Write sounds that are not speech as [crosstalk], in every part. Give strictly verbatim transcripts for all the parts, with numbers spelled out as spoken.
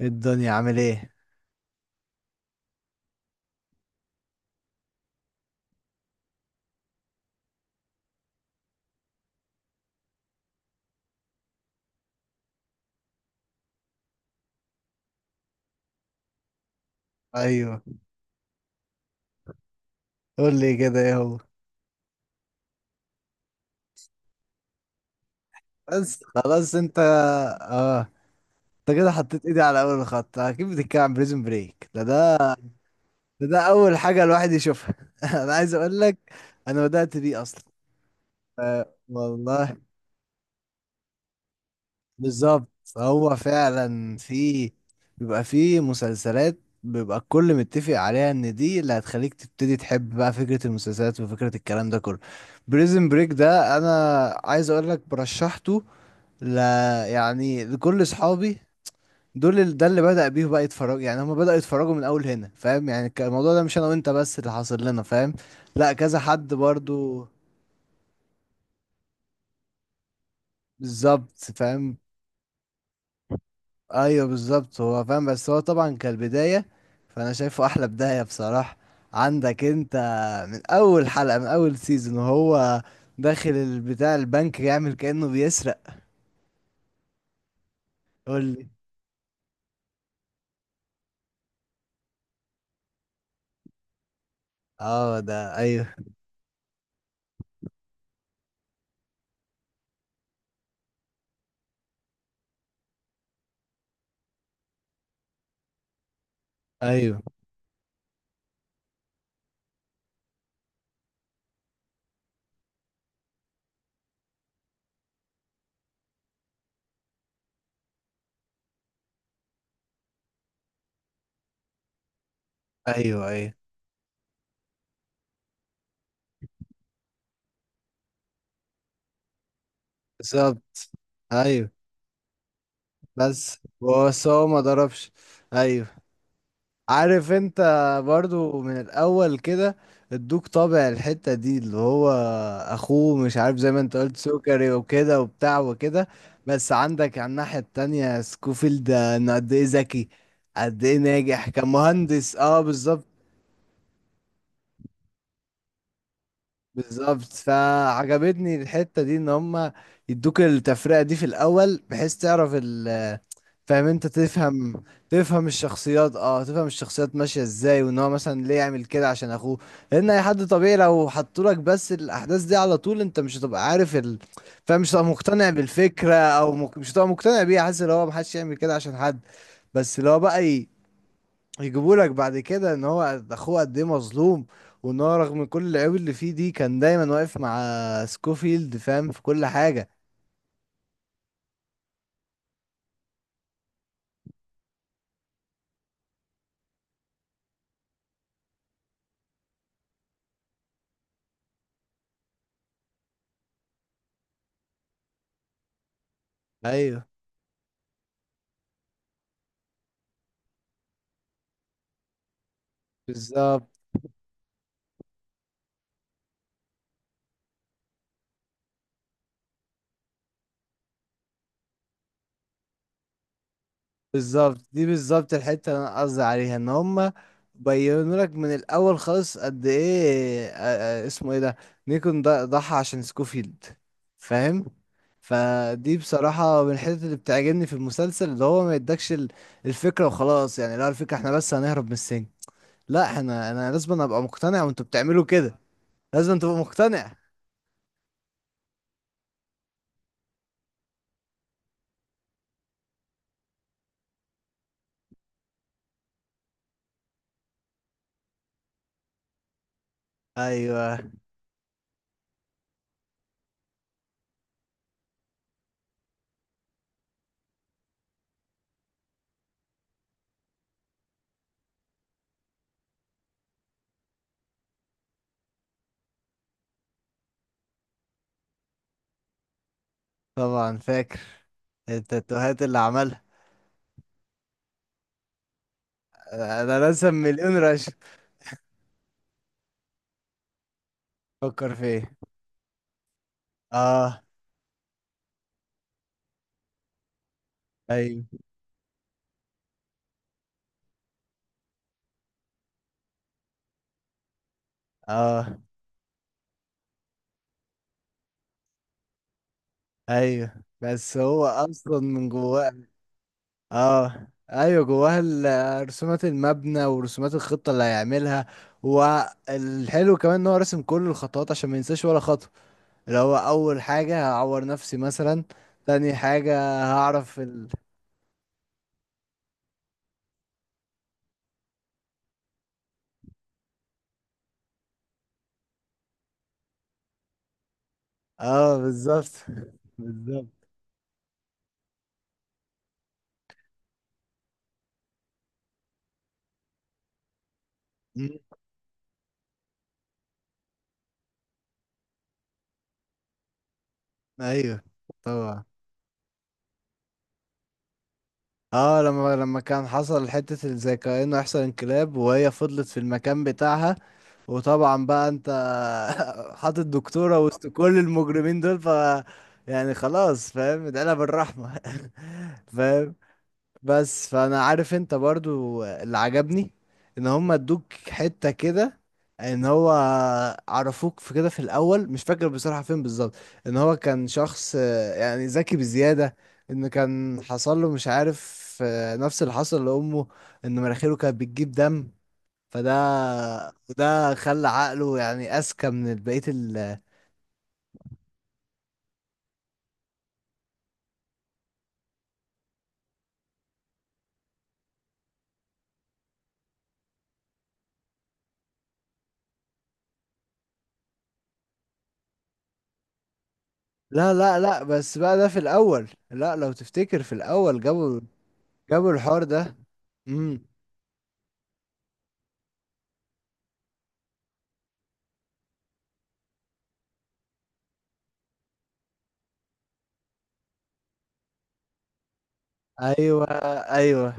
الدنيا عامل ايه؟ ايوه. قول لي كده ايه هو؟ بس خلاص انت. اه، انت كده حطيت ايدي على اول خط، اكيد بتتكلم عن بريزون بريك. ده ده ده, ده اول حاجه الواحد يشوفها. [laughs] انا عايز اقول لك، انا بدات بيه اصلا. آه والله، بالظبط. هو فعلا في، بيبقى في مسلسلات، بيبقى الكل متفق عليها ان دي اللي هتخليك تبتدي تحب بقى فكره المسلسلات وفكره الكلام ده كله. بريزون بريك ده انا عايز اقول لك برشحته. لا يعني كل اصحابي دول ال- ده اللي بدأ بيه بقى يتفرج، يعني هم بدأوا يتفرجوا من اول هنا. فاهم يعني ك- الموضوع ده مش انا وانت بس اللي حاصل لنا، فاهم؟ لا كذا حد برضو. بالظبط فاهم. ايوه بالظبط هو فاهم، بس هو طبعا كالبداية. فانا شايفه احلى بداية بصراحة. عندك انت من اول حلقة من اول سيزون وهو داخل البتاع البنك يعمل كأنه بيسرق. قول لي. اه ده ايوه. ايوه ايوه. ايوه. بالظبط. ايوه بس بس هو ما ضربش. ايوه. عارف انت؟ برضو من الاول كده ادوك طابع الحتة دي، اللي هو اخوه مش عارف زي ما انت قلت سكري وكده وبتاع وكده. بس عندك على الناحية التانية سكوفيلد، انه قد ايه ذكي، قد ايه ناجح كمهندس. اه بالظبط. بالظبط فعجبتني الحتة دي ان هما يدوك التفرقة دي في الاول بحيث تعرف. فاهم؟ انت تفهم. تفهم الشخصيات، اه تفهم الشخصيات ماشيه ازاي، وان هو مثلا ليه يعمل كده عشان اخوه. لان اي حد طبيعي لو حطولك بس الاحداث دي على طول انت مش هتبقى عارف ال... فاهم، مش هتبقى مقتنع بالفكره او مك... مش هتبقى مقتنع بيها، حاسس ان هو محدش يعمل كده عشان حد. بس لو بقى ي... يجيبولك بعد كده ان هو اخوه قد ايه مظلوم، وان هو رغم كل العيوب اللي فيه دي كان دايما واقف مع سكوفيلد، فاهم، في كل حاجه. ايوه بالظبط. بالظبط دي بالظبط الحتة اللي انا قصدي عليها، ان هما بينوا لك من الاول خالص قد ايه آه، آه، اسمه ايه ده، نيكون ض- ضحى عشان سكوفيلد. فاهم؟ فدي بصراحة من الحتت اللي بتعجبني في المسلسل، اللي هو ما يدكش ال- الفكرة وخلاص، يعني لا، الفكرة احنا بس هنهرب من السجن. لا احنا، انا لازم ابقى مقتنع وانتوا بتعملوا كده. لازم تبقى مقتنع. ايوه طبعا فاكر. التاتوهات اللي عملها. انا رسم مليون رشة. فكر فيه. اه ايوه. اه ايوه بس هو اصلا من جواه. اه ايوه جواها ال- رسومات المبنى ورسومات الخطه اللي هيعملها. والحلو كمان ان هو راسم كل الخطوات عشان ما ينساش ولا خطوه. اللي هو اول حاجه هعور نفسي مثلا، تاني حاجه هعرف ال... اه بالظبط. [laughs] بالظبط. مم. ايوه طبعا. اه، لما لما كان حصل حتة ال- زي كأنه يحصل انقلاب وهي فضلت في المكان بتاعها. وطبعا بقى انت، [laughs] حاطط دكتورة وسط كل المجرمين دول، ف يعني خلاص فاهم ادعيلها بالرحمة. [laughs] فاهم؟ بس فانا عارف انت برضو اللي عجبني، ان هم ادوك حتة كده، ان هو عرفوك في كده في الاول، مش فاكر بصراحة فين بالظبط، ان هو كان شخص آه، يعني ذكي بزيادة، ان كان حصل له مش عارف آه، نفس اللي حصل لامه، ان مناخيره كانت بتجيب دم. فده وده خلى عقله يعني اذكى من بقية ال. لا لا لا بس بقى ده في الاول، لا لو تفتكر في الاول جابوا، جابوا الحوار ده. امم ايوه. ايوه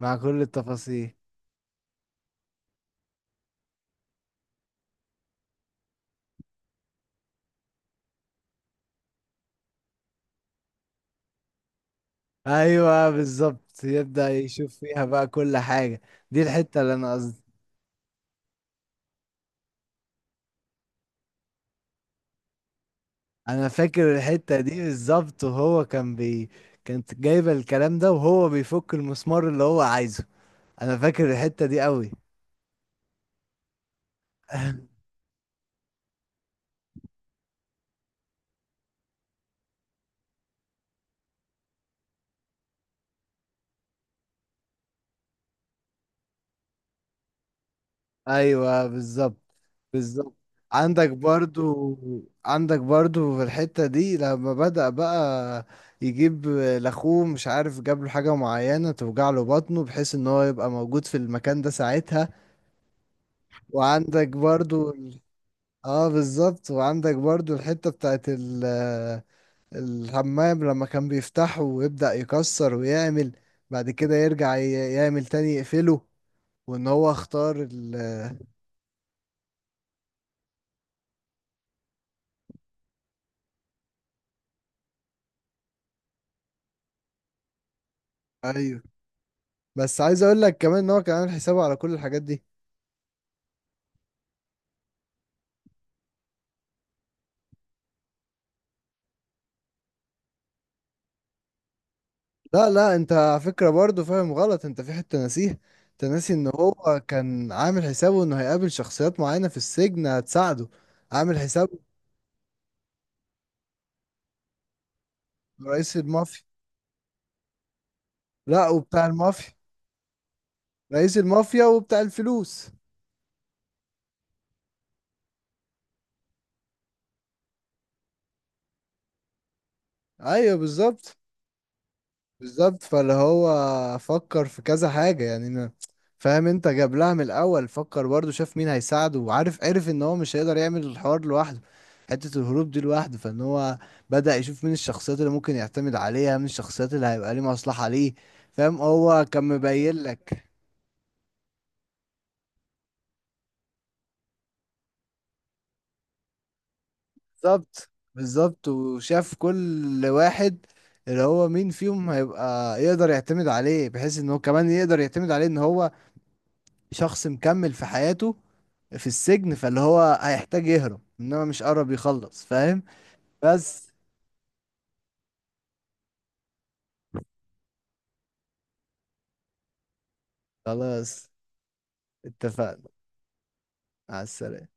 مع كل التفاصيل. ايوه بالظبط يبدأ يشوف فيها بقى كل حاجة، دي الحتة اللي انا قصدي. انا فاكر الحتة دي بالظبط وهو كان بي كانت جايبة الكلام ده وهو بيفك المسمار اللي هو عايزه. انا فاكر الحتة دي قوي. [laughs] ايوه بالظبط. بالظبط عندك برضو، عندك برضو في الحتة دي لما بدأ بقى يجيب لاخوه مش عارف جاب له حاجة معينة توجع له بطنه بحيث ان هو يبقى موجود في المكان ده ساعتها. وعندك برضو ال- اه بالظبط، وعندك برضو الحتة بتاعت ال... الحمام لما كان بيفتحه ويبدأ يكسر ويعمل، بعد كده يرجع ي- يعمل تاني يقفله، وان هو اختار ال... ايوه بس عايز اقول لك كمان ان هو كان عامل حسابه على كل الحاجات دي. لا لا، انت على فكرة برضه فاهم غلط، انت في حتة ناسيه. انت ناسي ان هو كان عامل حسابه انه هيقابل شخصيات معينة في السجن هتساعده. عامل حسابه. رئيس المافيا. لا وبتاع المافيا. رئيس المافيا وبتاع الفلوس. ايوه بالظبط. بالظبط فاللي هو فكر في كذا حاجة، يعني أنا فاهم، انت جاب لها من الاول، فكر برضه شاف مين هيساعده، وعارف عرف ان هو مش هيقدر يعمل الحوار لوحده، حتة الهروب دي لوحده. فان هو بدأ يشوف مين الشخصيات اللي ممكن يعتمد عليها، مين الشخصيات اللي هيبقى ليه مصلحة ليه. فاهم؟ هو كان مبين لك. بالظبط. بالظبط وشاف كل واحد، اللي هو مين فيهم هيبقى يقدر يعتمد عليه، بحيث ان هو كمان يقدر يعتمد عليه ان هو شخص مكمل في حياته في السجن، فاللي هو هيحتاج يهرب، انما مش قرب يخلص، فاهم؟ بس خلاص، اتفقنا. على السلامة.